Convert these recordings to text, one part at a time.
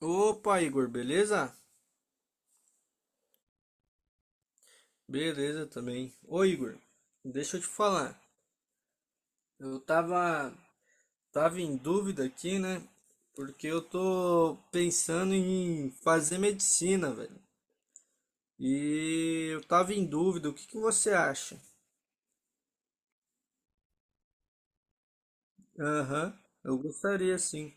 Opa, Igor, beleza? Beleza também. Ô, Igor, deixa eu te falar. Eu tava em dúvida aqui, né? Porque eu tô pensando em fazer medicina, velho. E eu tava em dúvida, o que que você acha? Aham, eu gostaria sim.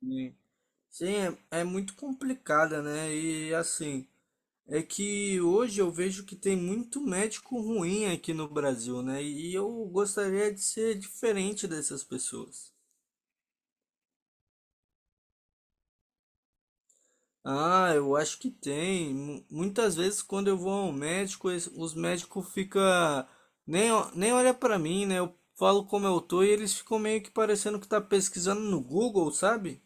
Sim, Sim, é muito complicada, né? E assim, é que hoje eu vejo que tem muito médico ruim aqui no Brasil, né? E eu gostaria de ser diferente dessas pessoas. Ah, eu acho que tem. Muitas vezes quando eu vou ao médico, os médicos ficam. Nem olha pra mim, né? Eu falo como eu tô e eles ficam meio que parecendo que tá pesquisando no Google, sabe?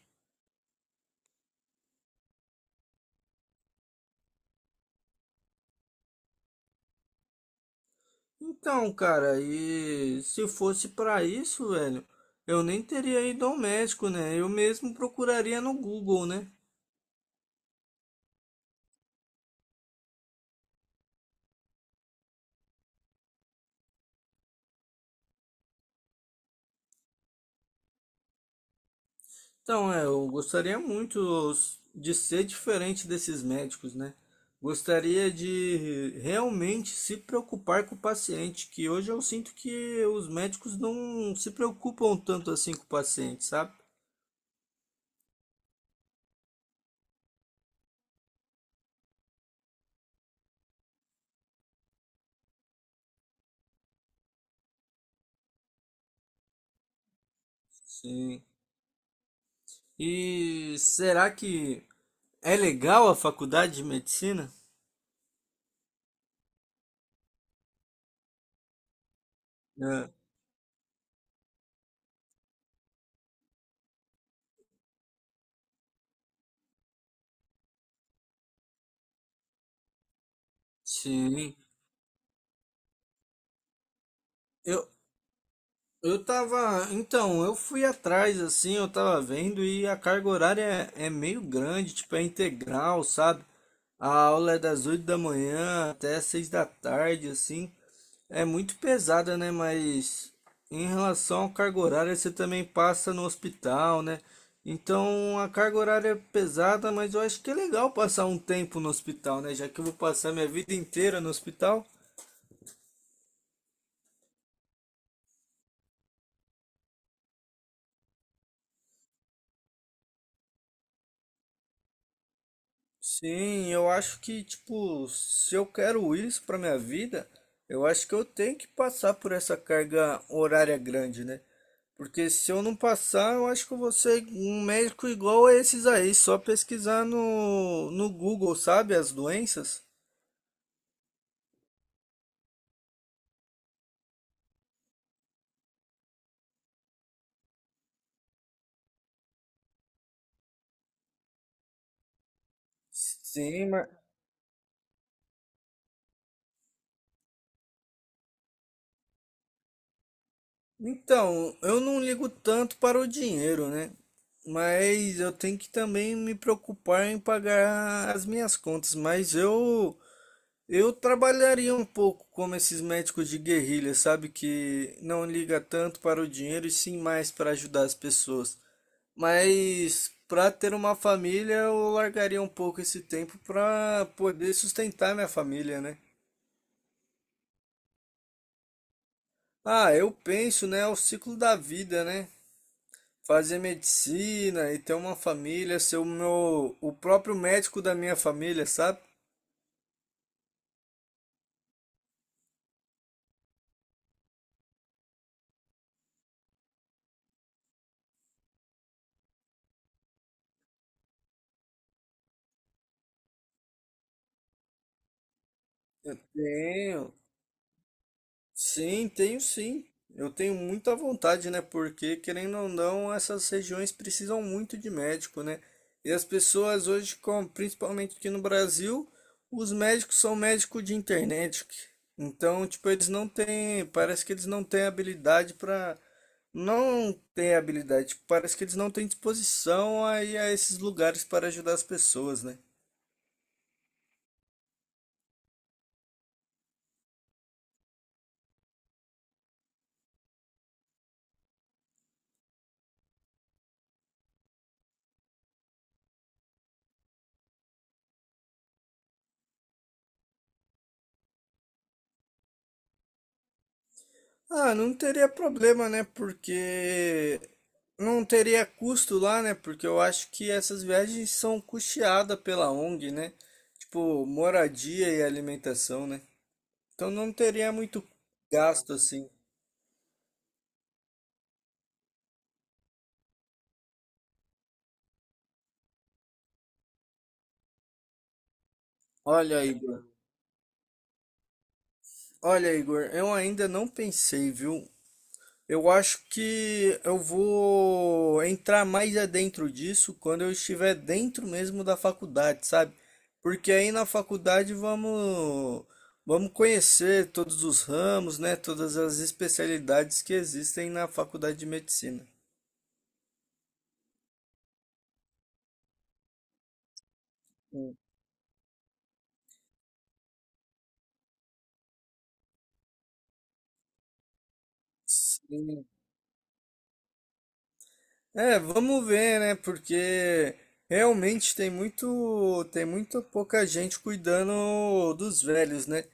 Então, cara, e se fosse pra isso, velho, eu nem teria ido ao médico, né? Eu mesmo procuraria no Google, né? Então, é, eu gostaria muito de ser diferente desses médicos, né? Gostaria de realmente se preocupar com o paciente, que hoje eu sinto que os médicos não se preocupam tanto assim com o paciente, sabe? Sim. E será que é legal a faculdade de medicina? É, sim. Eu, Eu tava, então, eu fui atrás assim, eu tava vendo e a carga horária é meio grande, tipo, é integral, sabe? A aula é das 8 da manhã até 6 da tarde, assim. É muito pesada, né? Mas em relação à carga horária, você também passa no hospital, né? Então a carga horária é pesada, mas eu acho que é legal passar um tempo no hospital, né? Já que eu vou passar minha vida inteira no hospital. Sim, eu acho que, tipo, se eu quero isso para minha vida, eu acho que eu tenho que passar por essa carga horária grande, né? Porque se eu não passar, eu acho que eu vou ser um médico igual a esses aí, só pesquisar no Google, sabe, as doenças. Sim, mas... Então, eu não ligo tanto para o dinheiro, né? Mas eu tenho que também me preocupar em pagar as minhas contas. Mas eu trabalharia um pouco como esses médicos de guerrilha, sabe? Que não liga tanto para o dinheiro e sim mais para ajudar as pessoas. Mas para ter uma família, eu largaria um pouco esse tempo para poder sustentar minha família, né? Ah, eu penso, né? É o ciclo da vida, né? Fazer medicina e ter uma família, ser o meu, o próprio médico da minha família, sabe? Tenho. Sim, tenho sim. Eu tenho muita vontade, né? Porque, querendo ou não, essas regiões precisam muito de médico, né? E as pessoas hoje, principalmente aqui no Brasil, os médicos são médicos de internet. Então, tipo, eles não têm, parece que eles não têm habilidade para, não têm habilidade, tipo, parece que eles não têm disposição a ir a esses lugares para ajudar as pessoas, né? Ah, não teria problema, né? Porque não teria custo lá, né? Porque eu acho que essas viagens são custeadas pela ONG, né? Tipo, moradia e alimentação, né? Então não teria muito gasto assim. Olha, Igor. Olha, Igor, eu ainda não pensei, viu? Eu acho que eu vou entrar mais adentro disso quando eu estiver dentro mesmo da faculdade, sabe? Porque aí na faculdade vamos conhecer todos os ramos, né? Todas as especialidades que existem na faculdade de medicina. Hum, Sim. É, vamos ver, né? Porque realmente tem muito pouca gente cuidando dos velhos, né?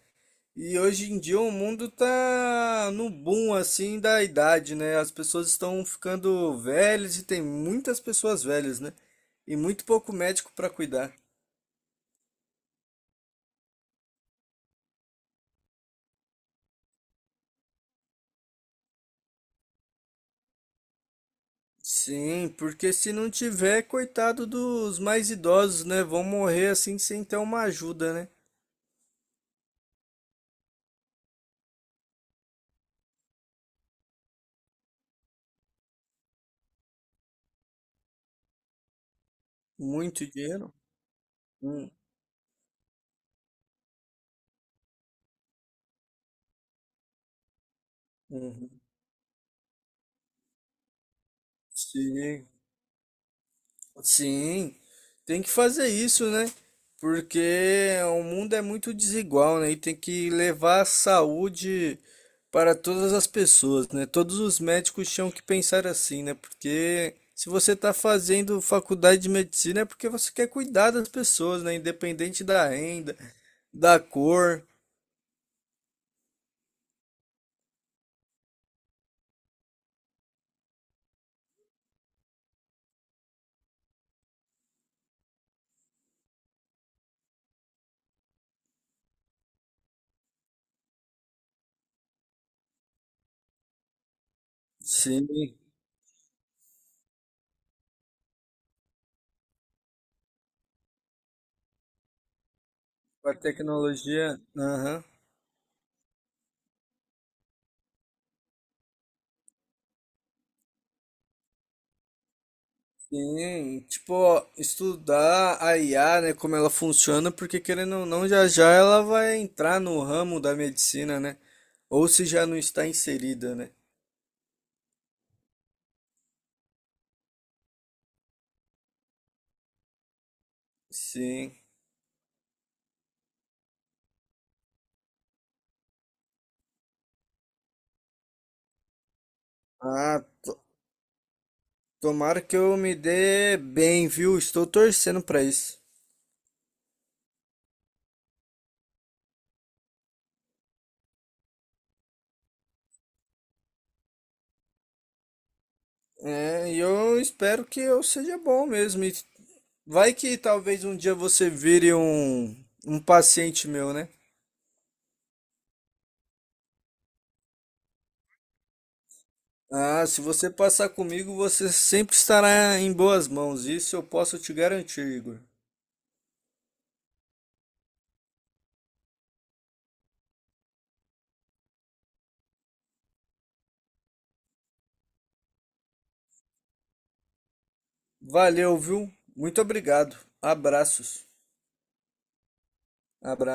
E hoje em dia o mundo tá no boom assim da idade, né? As pessoas estão ficando velhas e tem muitas pessoas velhas, né? E muito pouco médico para cuidar. Sim, porque se não tiver, coitado dos mais idosos, né? Vão morrer assim sem ter uma ajuda, né? Muito dinheiro. Hum, uhum. Sim. Sim, tem que fazer isso, né? Porque o mundo é muito desigual, né? E tem que levar a saúde para todas as pessoas, né? Todos os médicos tinham que pensar assim, né? Porque se você está fazendo faculdade de medicina é porque você quer cuidar das pessoas, né? Independente da renda, da cor. Sim, com a tecnologia. Aham. Sim, tipo, estudar a IA, né, como ela funciona, porque querendo ou não, já já ela vai entrar no ramo da medicina, né? Ou se já não está inserida, né? Sim. Ah, to- Tomara que eu me dê bem, viu? Estou torcendo para isso. É, e eu espero que eu seja bom mesmo. E vai que talvez um dia você vire um paciente meu, né? Ah, se você passar comigo, você sempre estará em boas mãos. Isso eu posso te garantir, Igor. Valeu, viu? Muito obrigado. Abraços. Abraços.